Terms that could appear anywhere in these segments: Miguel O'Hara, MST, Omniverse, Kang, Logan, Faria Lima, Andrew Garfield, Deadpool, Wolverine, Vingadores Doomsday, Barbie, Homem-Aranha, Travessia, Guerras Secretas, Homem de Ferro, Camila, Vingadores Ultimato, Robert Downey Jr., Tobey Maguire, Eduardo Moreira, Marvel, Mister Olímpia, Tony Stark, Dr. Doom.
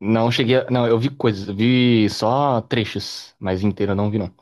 Não cheguei. Não, eu vi coisas, eu vi só trechos, mas inteiro eu não vi, não.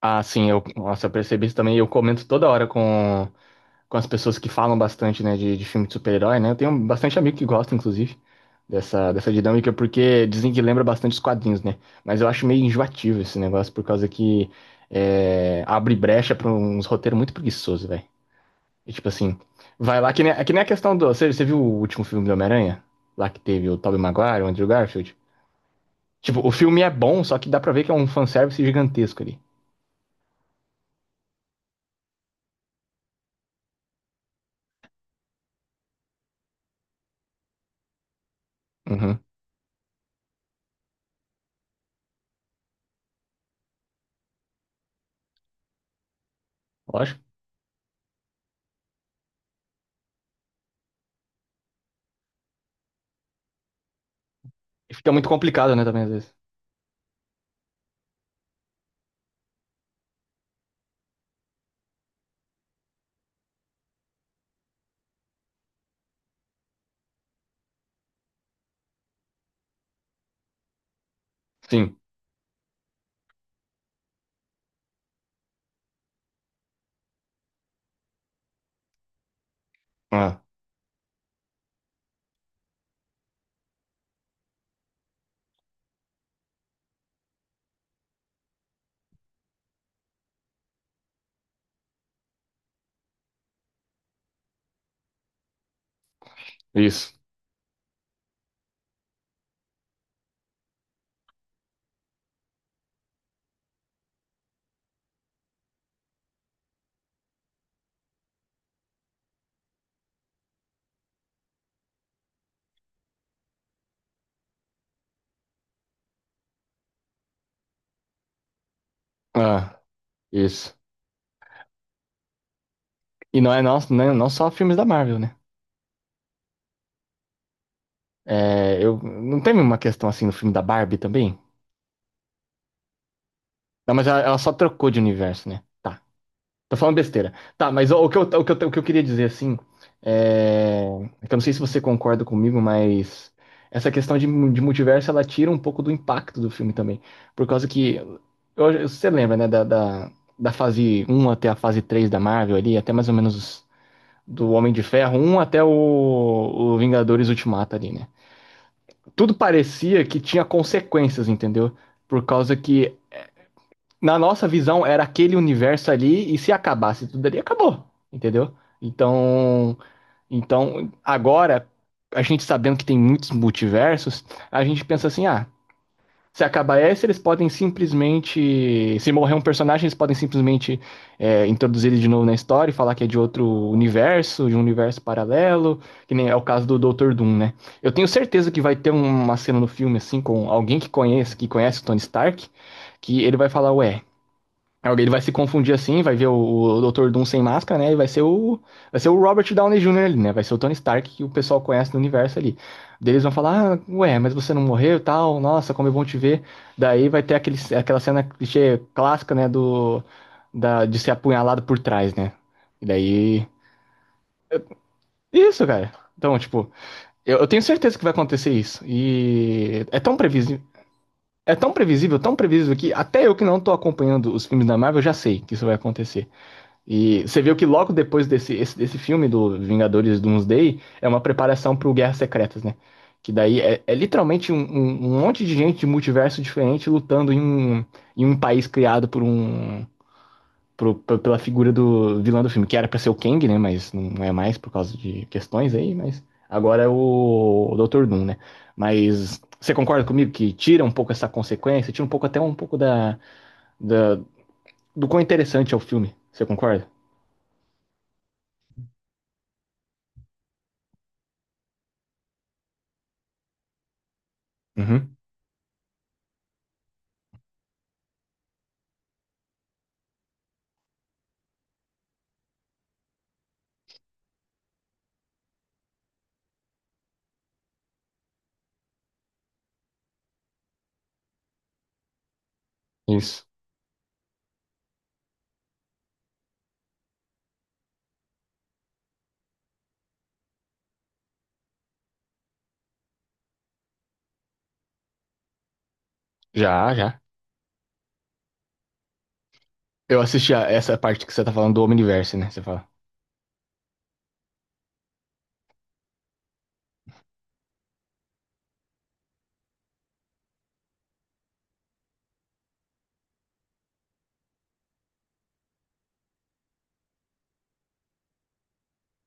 Ah, sim, nossa, eu percebi isso também. Eu comento toda hora com as pessoas que falam bastante, né, de filme de super-herói, né? Eu tenho bastante amigo que gosta, inclusive, dessa dinâmica, porque dizem que lembra bastante os quadrinhos, né? Mas eu acho meio enjoativo esse negócio, por causa que abre brecha pra uns roteiros muito preguiçosos, velho. E tipo assim, vai lá, que nem, é que nem a questão do. Você viu o último filme do Homem-Aranha? Lá que teve o Tobey Maguire, o Andrew Garfield? Tipo, o filme é bom, só que dá pra ver que é um fanservice gigantesco ali. Uhum. Lógico. E fica muito complicado, né, também, às vezes. Sim. Ah, isso. Ah, isso. E não é não, não só filmes da Marvel, né? Não teve uma questão assim no filme da Barbie também? Não, mas ela só trocou de universo, né? Tá. Tô falando besteira. Tá, mas o que eu, o que eu, o que eu queria dizer, assim, é... é que eu não sei se você concorda comigo, mas essa questão de multiverso, ela tira um pouco do impacto do filme também. Por causa que, você lembra, né, da fase um até a fase 3 da Marvel ali, até mais ou menos do Homem de Ferro um até o Vingadores Ultimato ali, né? Tudo parecia que tinha consequências, entendeu? Por causa que na nossa visão, era aquele universo ali, e se acabasse tudo ali, acabou, entendeu? Então, então, agora, a gente sabendo que tem muitos multiversos, a gente pensa assim, ah, se acabar esse, eles podem simplesmente. Se morrer um personagem, eles podem simplesmente introduzir ele de novo na história e falar que é de outro universo, de um universo paralelo, que nem é o caso do Dr. Doom, né? Eu tenho certeza que vai ter uma cena no filme, assim, com alguém que conhece o Tony Stark, que ele vai falar, ué, alguém vai se confundir assim, vai ver o Dr. Doom sem máscara, né? E vai ser o Robert Downey Jr. ali, né? Vai ser o Tony Stark que o pessoal conhece do universo ali. Daí eles vão falar, ah, ué, mas você não morreu e tal, nossa, como é bom te ver. Daí vai ter aquela cena clichê clássica, né? De ser apunhalado por trás, né? E daí. Isso, cara. Então, tipo, eu tenho certeza que vai acontecer isso. E é tão previsível. É tão previsível que até eu que não tô acompanhando os filmes da Marvel já sei que isso vai acontecer. E você viu que logo depois desse, desse filme do Vingadores Doomsday é uma preparação pro Guerras Secretas, né? Que daí é, é literalmente um monte de gente de multiverso diferente lutando em um país criado por um pro- p- pela figura do vilão do filme, que era pra ser o Kang, né? Mas não é mais por causa de questões aí, mas agora é o Dr. Doom, né? Mas você concorda comigo que tira um pouco essa consequência, tira um pouco até um pouco da- do quão interessante é o filme. Você concorda? Uhum. Isso. Já, já. Eu assisti a essa parte que você tá falando do Omniverse, né? Você fala.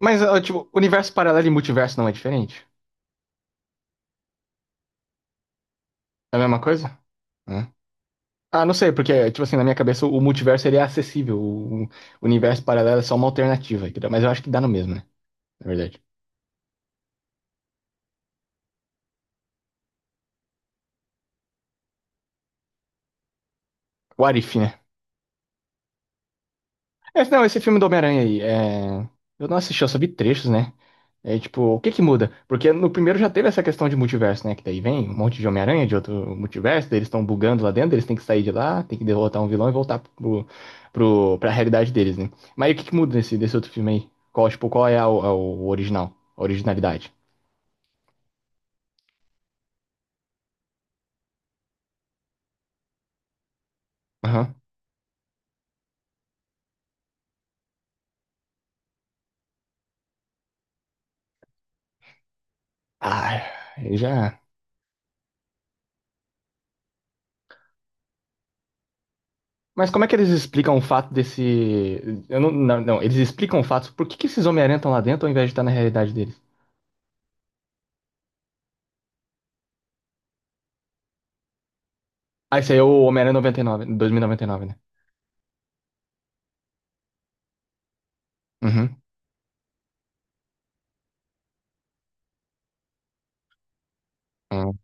Mas, ah, tipo, universo paralelo e multiverso não é diferente? É a mesma coisa? Hã? Ah, não sei, porque, tipo assim, na minha cabeça o multiverso ele é acessível. O universo paralelo é só uma alternativa. Entendeu? Mas eu acho que dá no mesmo, né? Na verdade. What if, né? Esse, não, esse filme do Homem-Aranha aí, eu não assisti, eu só vi trechos, né? É tipo, o que que muda? Porque no primeiro já teve essa questão de multiverso, né? Que daí vem um monte de Homem-Aranha de outro multiverso, daí eles estão bugando lá dentro, eles têm que sair de lá, tem que derrotar um vilão e voltar pro, pra realidade deles, né? Mas aí o que que muda nesse, desse outro filme aí? Qual, tipo, qual é o original? A originalidade? Aham. Ah, aí já. Mas como é que eles explicam o fato desse. Eu não, não, não, eles explicam o fato por que que esses Homem-Aranha estão lá dentro ao invés de estar na realidade deles? Ah, esse aí é o Homem-Aranha 99, 2099, né? Uhum. Hum,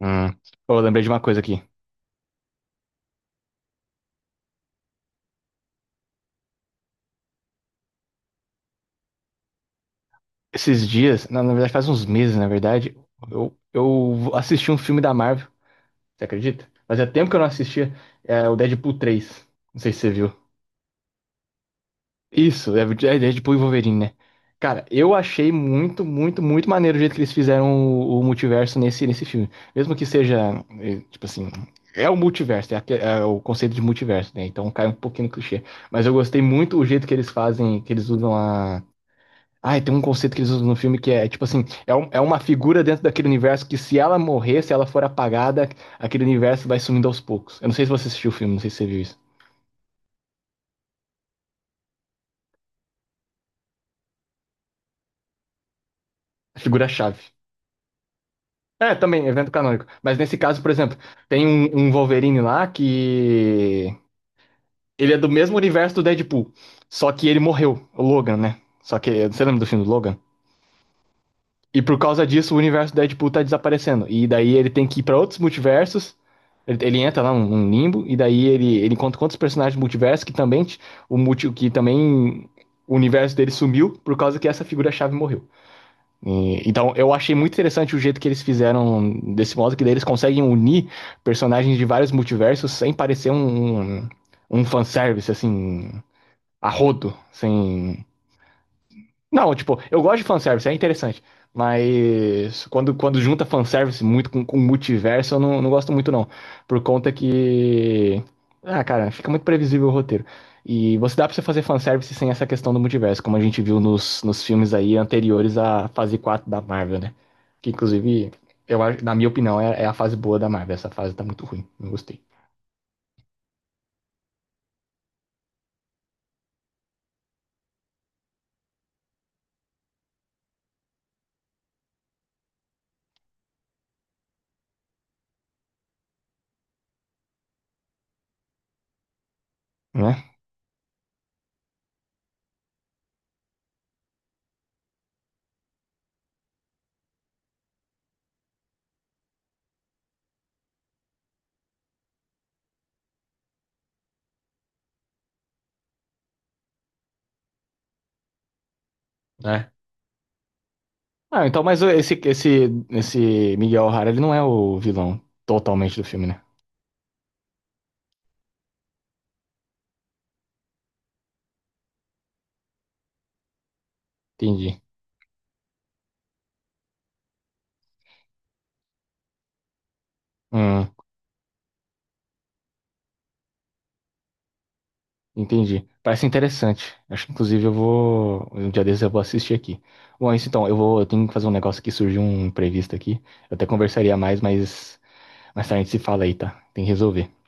hum. Pô, eu lembrei de uma coisa aqui. Esses dias, na verdade faz uns meses, na verdade, eu assisti um filme da Marvel, você acredita? Fazia tempo que eu não assistia, é, o Deadpool 3. Não sei se você viu. Isso, é, é Deadpool e Wolverine, né? Cara, eu achei muito, muito, muito maneiro o jeito que eles fizeram o multiverso nesse filme. Mesmo que seja, tipo assim, é o multiverso, é o conceito de multiverso, né? Então cai um pouquinho no clichê. Mas eu gostei muito o jeito que eles fazem, que eles usam a. Ah, tem um conceito que eles usam no filme que é tipo assim, é uma figura dentro daquele universo que se ela morrer, se ela for apagada, aquele universo vai sumindo aos poucos. Eu não sei se você assistiu o filme, não sei se você viu isso. A figura-chave. É, também, evento canônico. Mas nesse caso, por exemplo, tem um Wolverine lá que. Ele é do mesmo universo do Deadpool. Só que ele morreu, o Logan, né? Só que. Você lembra do filme do Logan? E por causa disso, o universo do Deadpool tá desaparecendo. E daí ele tem que ir pra outros multiversos. Ele entra lá num limbo. E daí ele encontra com outros personagens do multiverso que também. Que também. O universo dele sumiu por causa que essa figura-chave morreu. Então, eu achei muito interessante o jeito que eles fizeram desse modo, que daí eles conseguem unir personagens de vários multiversos sem parecer um fanservice, assim, a rodo, sem não, tipo, eu gosto de fanservice, é interessante. Mas quando junta fanservice muito com multiverso, eu não gosto muito, não. Por conta que. Ah, cara, fica muito previsível o roteiro. E você dá pra você fazer fanservice sem essa questão do multiverso, como a gente viu nos filmes aí anteriores à fase 4 da Marvel, né? Que inclusive, na minha opinião, é, é a fase boa da Marvel. Essa fase tá muito ruim, não gostei. Né? Né? Ah, então, mas esse Miguel O'Hara, ele não é o vilão totalmente do filme, né? Entendi. Hum, entendi. Parece interessante. Acho que inclusive eu vou. Um dia desses eu vou assistir aqui. Bom, é isso então. Eu vou. Eu tenho que fazer um negócio que surgiu um imprevisto aqui. Eu até conversaria mais, mas mais tarde a gente se fala aí, tá? Tem que resolver.